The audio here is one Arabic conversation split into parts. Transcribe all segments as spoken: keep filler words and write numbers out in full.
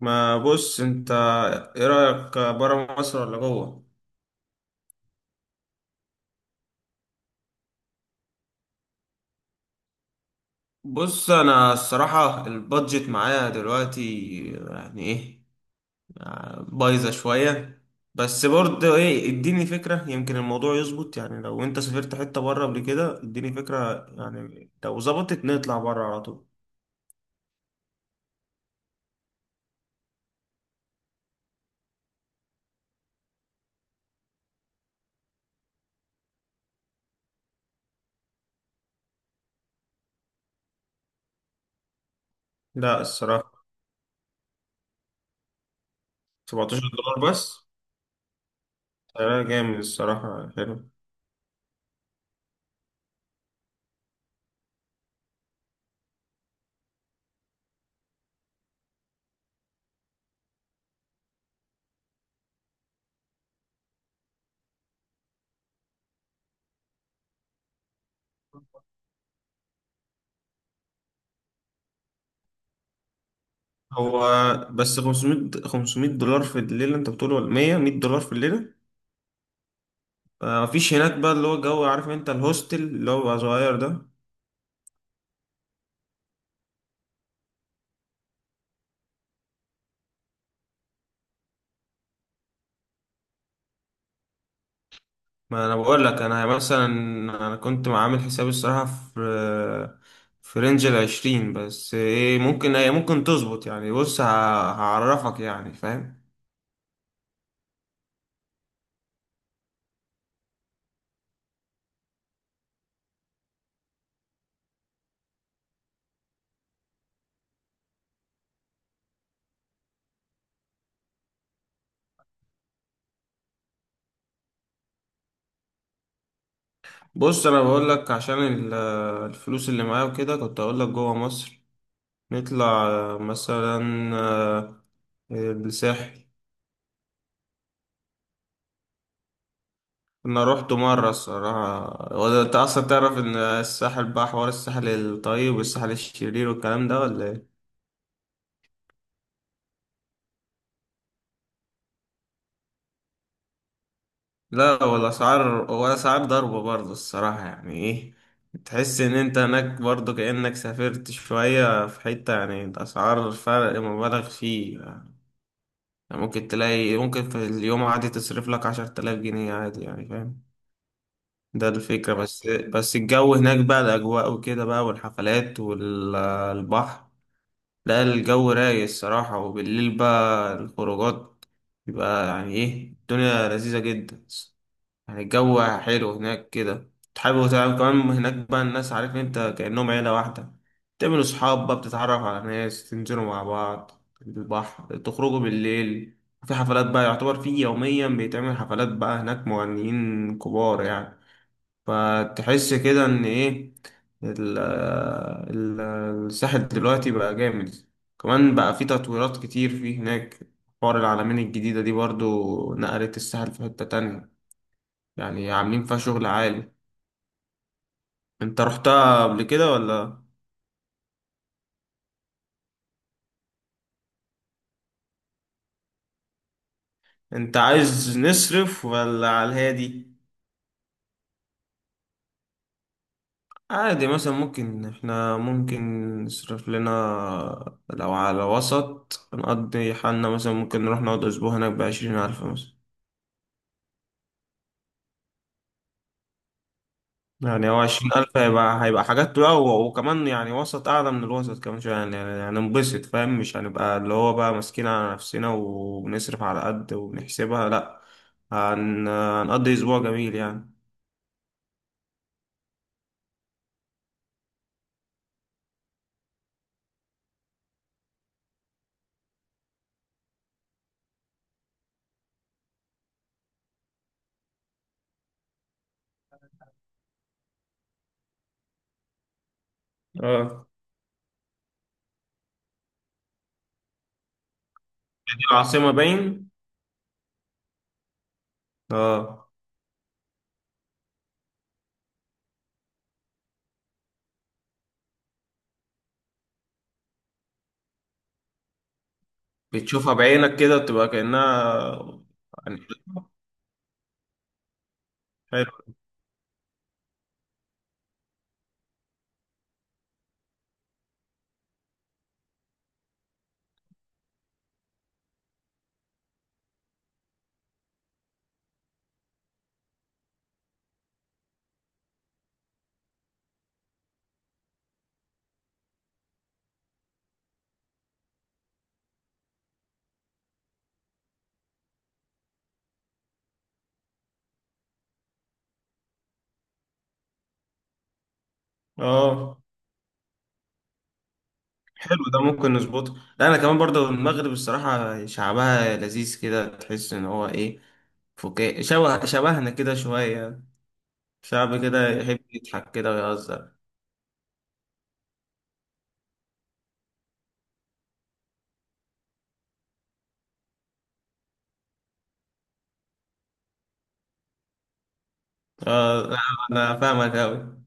ما بص انت، ايه رأيك برا مصر ولا جوه؟ بص انا الصراحة البادجت معايا دلوقتي يعني ايه، بايظة شوية، بس برضه ايه، اديني فكرة. يمكن الموضوع يظبط. يعني لو انت سافرت حتة برا قبل كده اديني فكرة، يعني لو ظبطت نطلع برا على طول. لا الصراحة. سبعة عشر دولار بس؟ سعرها جامد الصراحة، حلو. هو بس خمسمائة خمسمائة دولار في الليلة انت بتقول ولا مائة مية دولار في الليلة؟ ما فيش هناك بقى اللي هو الجو، عارف انت، الهوستل اللي هو بقى صغير ده؟ ما انا بقول لك انا مثلا، انا كنت عامل حسابي الصراحه في في رينج العشرين، بس ايه ممكن ايه ممكن تظبط، يعني بص ه- هعرفك يعني، فاهم. بص انا بقول لك عشان ال- الفلوس اللي معايا وكده، كنت اقول لك جوه مصر نطلع مثلا آه، الساحل. انا رحت مره الصراحه. هو ده- انت اصلا تعرف ان الساحل بقى حوار الساحل الطيب والساحل الشرير والكلام ده، ولا ايه؟ لا ولا اسعار، ولا اسعار ضربه برضه الصراحه، يعني ايه، تحس ان انت هناك برضه كانك سافرت شويه في حته، يعني الاسعار فرق مبالغ فيه يعني. ممكن تلاقي، ممكن في اليوم عادي تصرف لك عشر تلاف جنيه عادي، يعني فاهم. ده الفكرة. بس بس الجو هناك بقى، الأجواء وكده بقى، والحفلات والبحر. لا الجو رايق الصراحة، وبالليل بقى الخروجات بيبقى يعني ايه، الدنيا لذيذة جدا. يعني الجو حلو هناك كده، تحب تعمل كمان هناك بقى، الناس، عارف انت، كأنهم عيلة واحدة. تعملوا صحاب بقى، بتتعرف على ناس، تنزلوا مع بعض البحر، تخرجوا بالليل، في حفلات بقى، يعتبر في يوميا بيتعمل حفلات بقى، هناك مغنيين كبار يعني. فتحس كده ان ايه، ال- ال- الساحل دلوقتي بقى جامد. كمان بقى في تطويرات كتير فيه هناك، حوار العلمين الجديدة دي برضو نقلت الساحل في حتة تانية، يعني عاملين فيها شغل عالي. انت رحتها قبل كده ولا؟ انت عايز نصرف ولا على الهادي؟ عادي، مثلا ممكن احنا ممكن نصرف لنا، لو على وسط نقضي حالنا مثلا، ممكن نروح نقعد اسبوع هناك بعشرين ألف مثلا. يعني هو عشرين ألف هيبقى، هيبقى حاجات بقى، و- وكمان يعني وسط أعلى من الوسط كمان شوية، يعني يعني هننبسط، فاهم، مش هنبقى اللي هو بقى ماسكين على نفسنا وبنصرف على قد وبنحسبها، لأ. هن... هنقضي أسبوع جميل يعني. اه، دي العاصمة باين. اه، بتشوفها بعينك كده، بتبقى كأنها يعني. حلو. اه، حلو ده، ممكن نظبطه. لا انا كمان برضه المغرب الصراحة شعبها لذيذ كده، تحس ان هو ايه، فكاهي، شبه شبهنا كده شوية. شعب كده يحب يضحك كده ويهزر. اه لا، انا فاهمك اوي.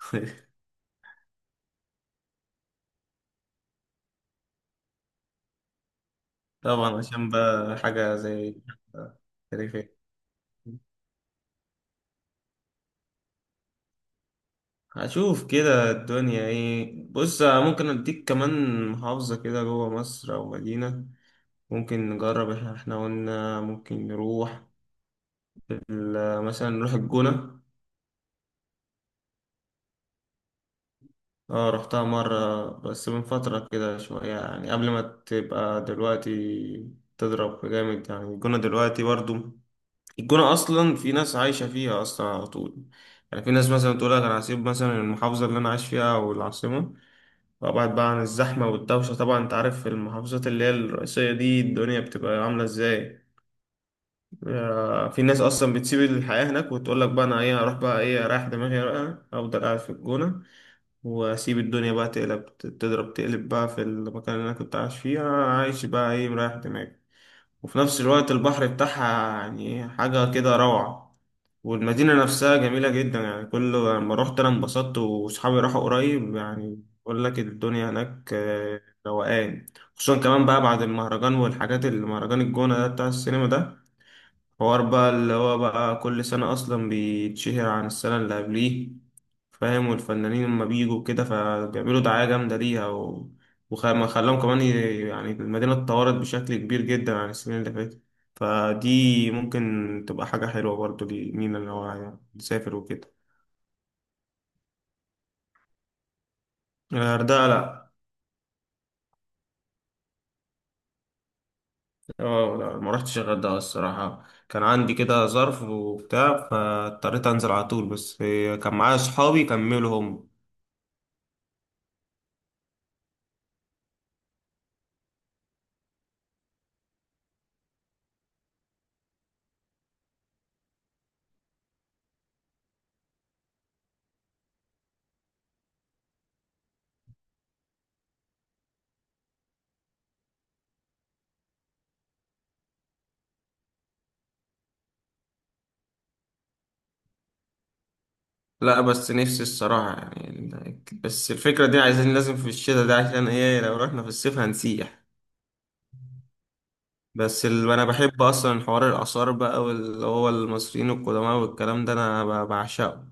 طبعا، عشان بقى حاجة زي تاريخية. هشوف كده الدنيا ايه. بص ممكن اديك كمان محافظة كده جوه مصر او مدينة ممكن نجرب احنا. إحنا قلنا ممكن نروح ال- مثلا نروح الجونة. اه رحتها مرة بس من فترة كده شوية، يعني قبل ما تبقى دلوقتي تضرب جامد، يعني الجونة دلوقتي برضو، الجونة أصلا في ناس عايشة فيها أصلا على طول. يعني في ناس مثلا تقول لك أنا هسيب مثلا المحافظة اللي أنا عايش فيها أو العاصمة وأبعد بقى عن الزحمة والدوشة، طبعا أنت عارف المحافظات اللي هي الرئيسية دي الدنيا بتبقى عاملة إزاي. آه، في ناس أصلا بتسيب الحياة هناك وتقول لك بقى، أنا إيه، هروح بقى إيه أريح دماغي، بقى أفضل قاعد في الجونة وأسيب الدنيا بقى تقلب تضرب تقلب بقى في المكان اللي أنا كنت عايش فيه، أنا عايش بقى إيه مريح دماغي. وفي نفس الوقت البحر بتاعها يعني حاجة كده روعة، والمدينة نفسها جميلة جدا. يعني كل لما روحت أنا انبسطت، وصحابي راحوا قريب، يعني بقول لك الدنيا هناك آه، روقان. خصوصا كمان بقى بعد المهرجان والحاجات، اللي مهرجان الجونة ده بتاع السينما ده، حوار بقى اللي هو بقى كل سنة أصلا بيتشهر عن السنة اللي قبليه، فاهم. والفنانين لما بيجوا كده فبيعملوا دعاية جامدة ليها و... وخلاهم خلاهم كمان ي... يعني المدينة اتطورت بشكل كبير جدا عن السنين اللي فاتت. فدي ممكن تبقى حاجة حلوة برضو لمين اللي هو يعني يسافر وكده. الغردقة لأ. اه لا، ما رحتش الغردقة الصراحة، كان عندي كده ظرف وبتاع فاضطريت أنزل على طول، بس كان معايا صحابي كملوا هم. لا بس نفسي الصراحة يعني ال- بس الفكرة دي، عايزين لازم في الشتاء ده، عشان ايه، لو رحنا في الصيف هنسيح. بس ال... انا بحب اصلا حوار الآثار بقى، واللي هو المصريين القدماء والكلام ده، انا ب- بعشقه.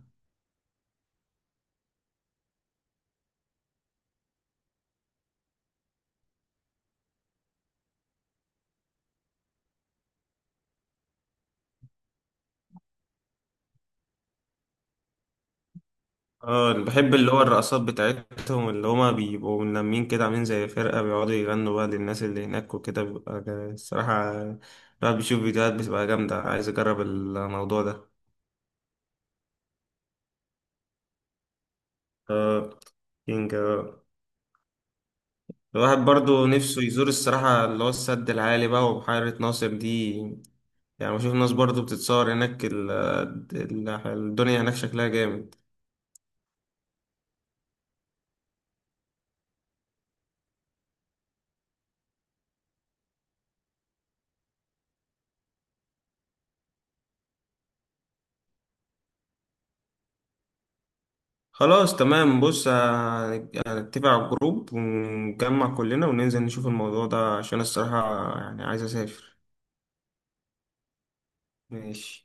اه بحب اللي هو الرقصات بتاعتهم، اللي هما بيبقوا ملمين كده، عاملين زي فرقة بيقعدوا يغنوا بقى للناس اللي هناك وكده، بيبقى جا- الصراحة الواحد بيشوف فيديوهات بتبقى جامدة، عايز اجرب الموضوع ده. اه، الواحد برضو نفسه يزور الصراحة اللي هو السد العالي بقى وبحيرة ناصر دي. يعني بشوف ناس برضو بتتصور هناك، ال- ال- الدنيا هناك شكلها جامد. خلاص تمام، بص ه- هنتفق على الجروب ونجمع كلنا وننزل نشوف الموضوع ده، عشان الصراحة يعني عايز أسافر. ماشي.